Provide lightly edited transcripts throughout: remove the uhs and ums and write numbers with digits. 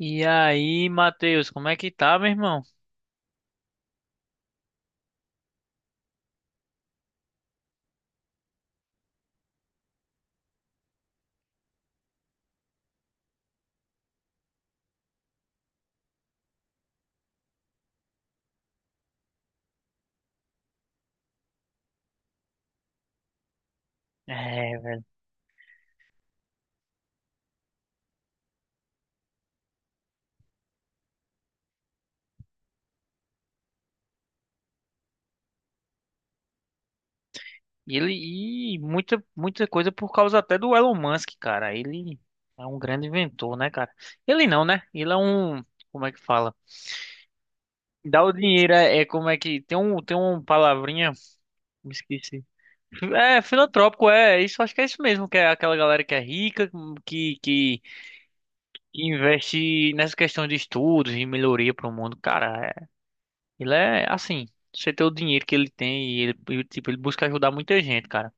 E aí, Matheus, como é que tá, meu irmão? É, velho. Ele e muita coisa por causa até do Elon Musk, cara. Ele é um grande inventor, né, cara? Ele não, né? Ele é um, como é que fala? Dá o dinheiro é, é como é que tem tem uma palavrinha, me esqueci. É, filantrópico, é, isso acho que é isso mesmo, que é aquela galera que é rica, que que, que investe nessa questão de estudos e melhoria para o mundo, cara. Ele é assim, você ter o dinheiro que ele tem e ele, e, tipo, ele busca ajudar muita gente, cara.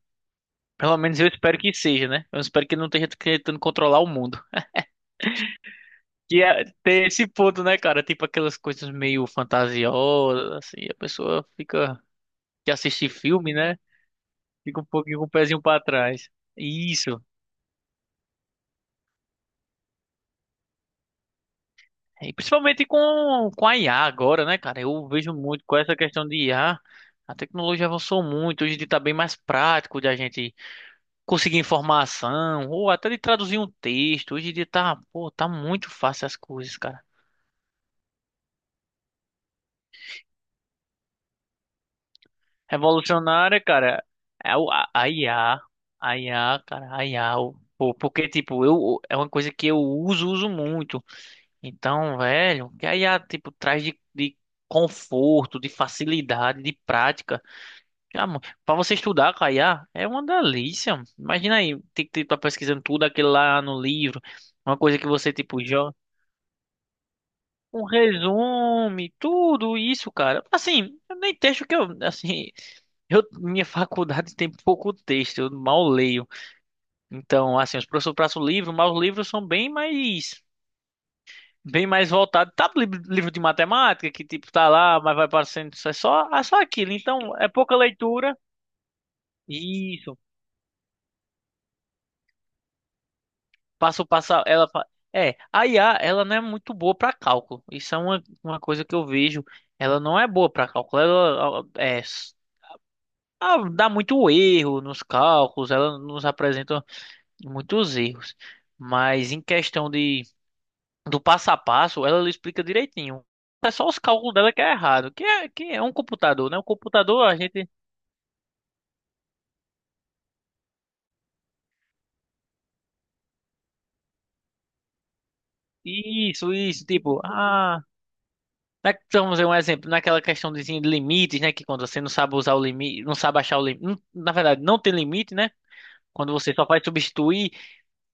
Pelo menos eu espero que seja, né? Eu espero que ele não esteja tentando controlar o mundo. Que é ter esse ponto, né, cara? Tipo aquelas coisas meio fantasiosas, assim, a pessoa fica que assiste filme, né? Fica um pouquinho com o pezinho pra trás. Isso. E principalmente com a IA agora, né, cara? Eu vejo muito com essa questão de IA. A tecnologia avançou muito, hoje em dia tá bem mais prático de a gente conseguir informação, ou até de traduzir um texto. Hoje em dia tá, pô, tá muito fácil as coisas, cara. Revolucionária, cara, é a IA, a IA, cara, a IA, pô, porque, tipo, eu, é uma coisa que eu uso muito. Então, velho, que a IA, tipo, traz de conforto, de facilidade, de prática. Ah, mano, pra você estudar com a IA, é uma delícia. Imagina aí, tem que estar pesquisando tudo aquilo lá no livro. Uma coisa que você, tipo, já um resume, tudo isso, cara. Assim, eu nem texto que eu, assim, eu, minha faculdade tem pouco texto, eu mal leio. Então, assim, os professores passam o livro, mas os livros são bem mais voltados. Tá livro, livro de matemática, que tipo, tá lá, mas vai parecendo isso é só aquilo. Então, é pouca leitura. Isso. Passo, passo, ela, é, a IA, ela não é muito boa para cálculo. Isso é uma coisa que eu vejo. Ela não é boa para cálculo. Ela, é, ah, dá muito erro nos cálculos, ela nos apresenta muitos erros. Mas em questão de do passo a passo, ela explica direitinho. É só os cálculos dela que é errado, que é um computador, né? Um computador, a gente. Isso, tipo, ah. Vamos ver um exemplo, naquela questão de limites, né? Que quando você não sabe usar o limite, não sabe achar o limite. Na verdade, não tem limite, né? Quando você só vai substituir.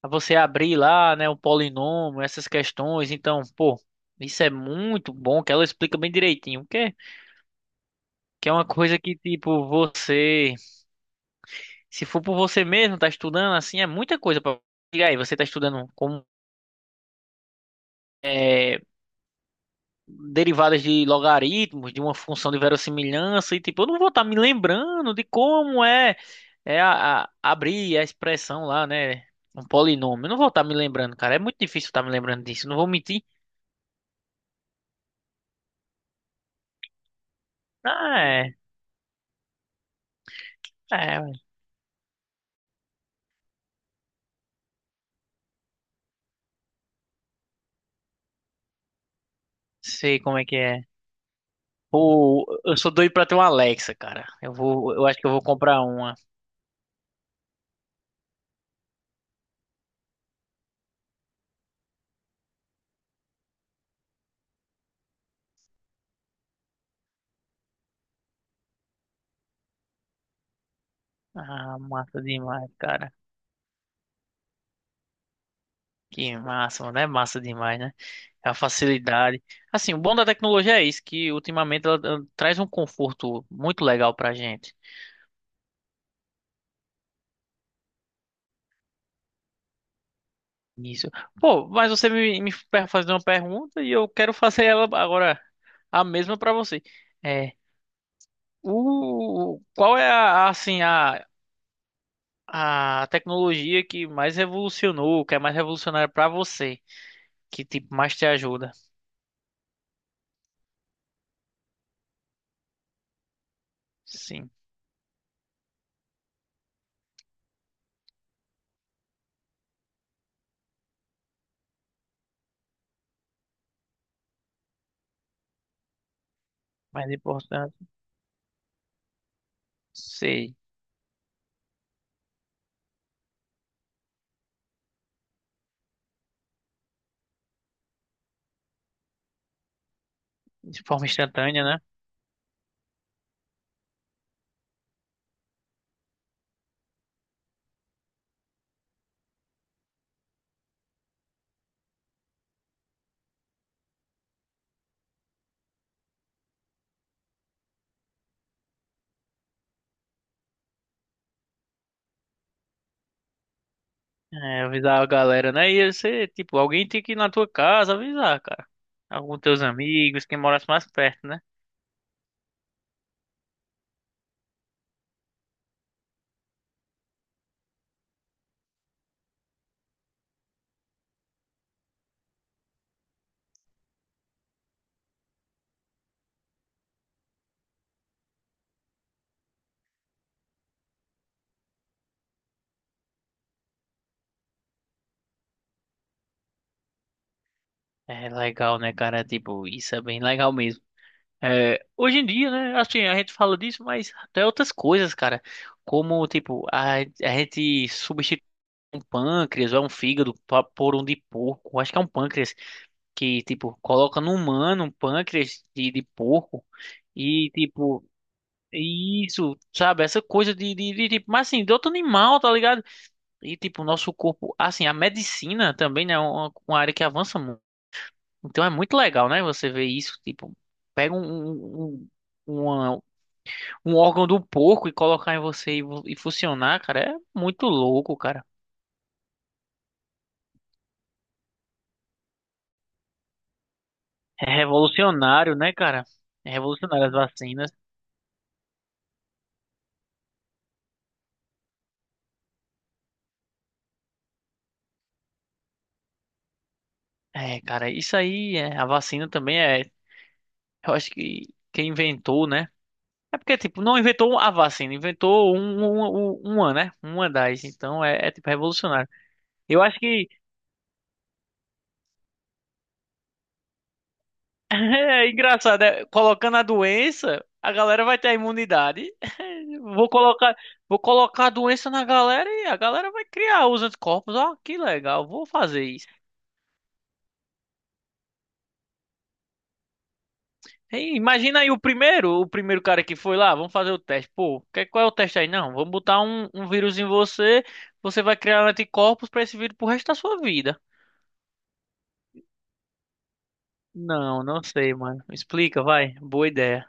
A você abrir lá, né, o polinômio, essas questões. Então, pô, isso é muito bom que ela explica bem direitinho, que é uma coisa que tipo você, se for por você mesmo, tá estudando assim, é muita coisa para aí, você tá estudando como é, derivadas de logaritmos, de uma função de verossimilhança e tipo, eu não vou estar me lembrando de como é, é abrir a expressão lá, né? Um polinômio. Eu não vou estar me lembrando, cara. É muito difícil estar me lembrando disso. Não vou mentir. Ah, é. É, sei como é que é. Pô, eu sou doido pra ter uma Alexa, cara. Eu vou, eu acho que eu vou comprar uma. Ah, massa demais, cara. Que massa, mano. É massa demais, né? É a facilidade. Assim, o bom da tecnologia é isso, que ultimamente ela, ela traz um conforto muito legal pra gente. Isso. Pô, mas você fazer uma pergunta e eu quero fazer ela agora a mesma pra você. É, qual é assim, a tecnologia que mais revolucionou, que é mais revolucionária pra você, que tipo mais te ajuda. Sim, mais importante, sei, de forma instantânea, né? É, avisar a galera, né? E você, tipo, alguém tem que ir na tua casa avisar, cara. Alguns teus amigos, quem morasse mais perto, né? É legal, né, cara? É, tipo, isso é bem legal mesmo. É, hoje em dia, né? Assim, a gente fala disso, mas até outras coisas, cara. Como, tipo, a gente substitui um pâncreas ou é um fígado por um de porco. Acho que é um pâncreas que, tipo, coloca no humano um pâncreas de porco e, tipo, isso, sabe? Essa coisa de, tipo, mas assim, de outro animal, tá ligado? E, tipo, o nosso corpo, assim, a medicina também, né, é uma área que avança muito. Então é muito legal, né? Você ver isso, tipo, pega um, uma- um órgão do porco e colocar em você e, e funcionar, cara, é muito louco, cara. É revolucionário, né, cara? É revolucionário as vacinas. É, cara, isso aí, é, a vacina também é. Eu acho que quem inventou, né? É porque, tipo, não inventou a vacina, inventou uma, né? Uma das. Então é, é, tipo, revolucionário. Eu acho que é engraçado, é, colocando a doença, a galera vai ter a imunidade. Vou colocar, vou colocar a doença na galera e a galera vai criar os anticorpos. Ó, que legal, vou fazer isso. Ei, imagina aí o primeiro cara que foi lá, vamos fazer o teste. Pô, qual é o teste aí? Não, vamos botar um vírus em você, você vai criar anticorpos pra esse vírus pro resto da sua vida. Não, não sei, mano. Explica, vai. Boa ideia.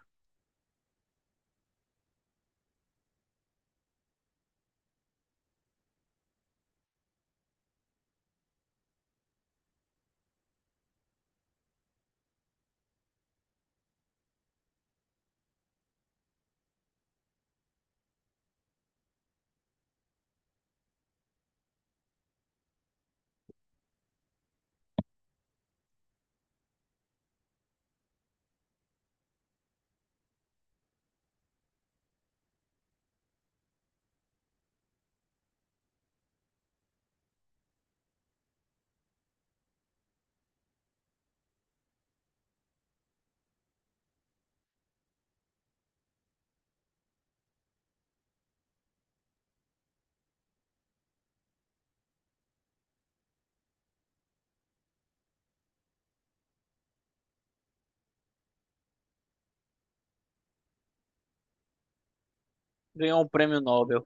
Ganhou um prêmio Nobel.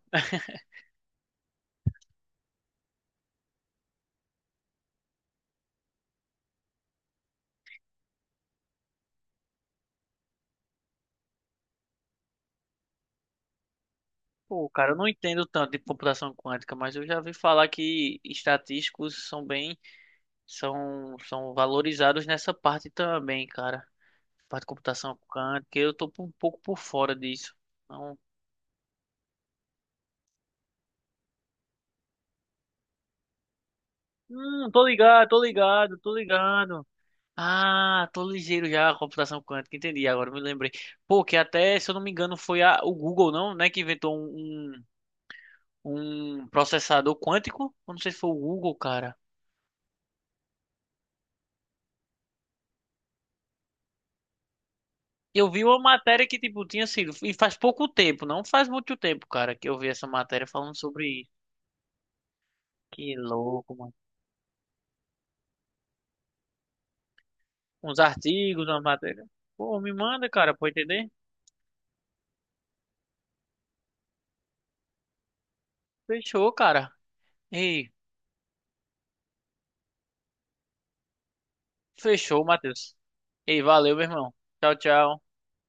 Pô, cara, eu não entendo tanto de computação quântica, mas eu já vi falar que estatísticos são bem, são valorizados nessa parte também, cara. Parte de computação quântica, eu tô um pouco por fora disso. Tô ligado. Ah, tô ligeiro já, a computação quântica, entendi, agora eu me lembrei. Pô, que até, se eu não me engano, foi o Google, não, né, que inventou um processador quântico? Eu não sei se foi o Google, cara. Eu vi uma matéria que, tipo, tinha sido, e faz pouco tempo, não faz muito tempo, cara, que eu vi essa matéria falando sobre isso. Que louco, mano. Uns artigos, uma matéria. Pô, me manda, cara, pra eu entender. Fechou, cara. Ei. Fechou, Matheus. Ei, valeu, meu irmão. Tchau, tchau.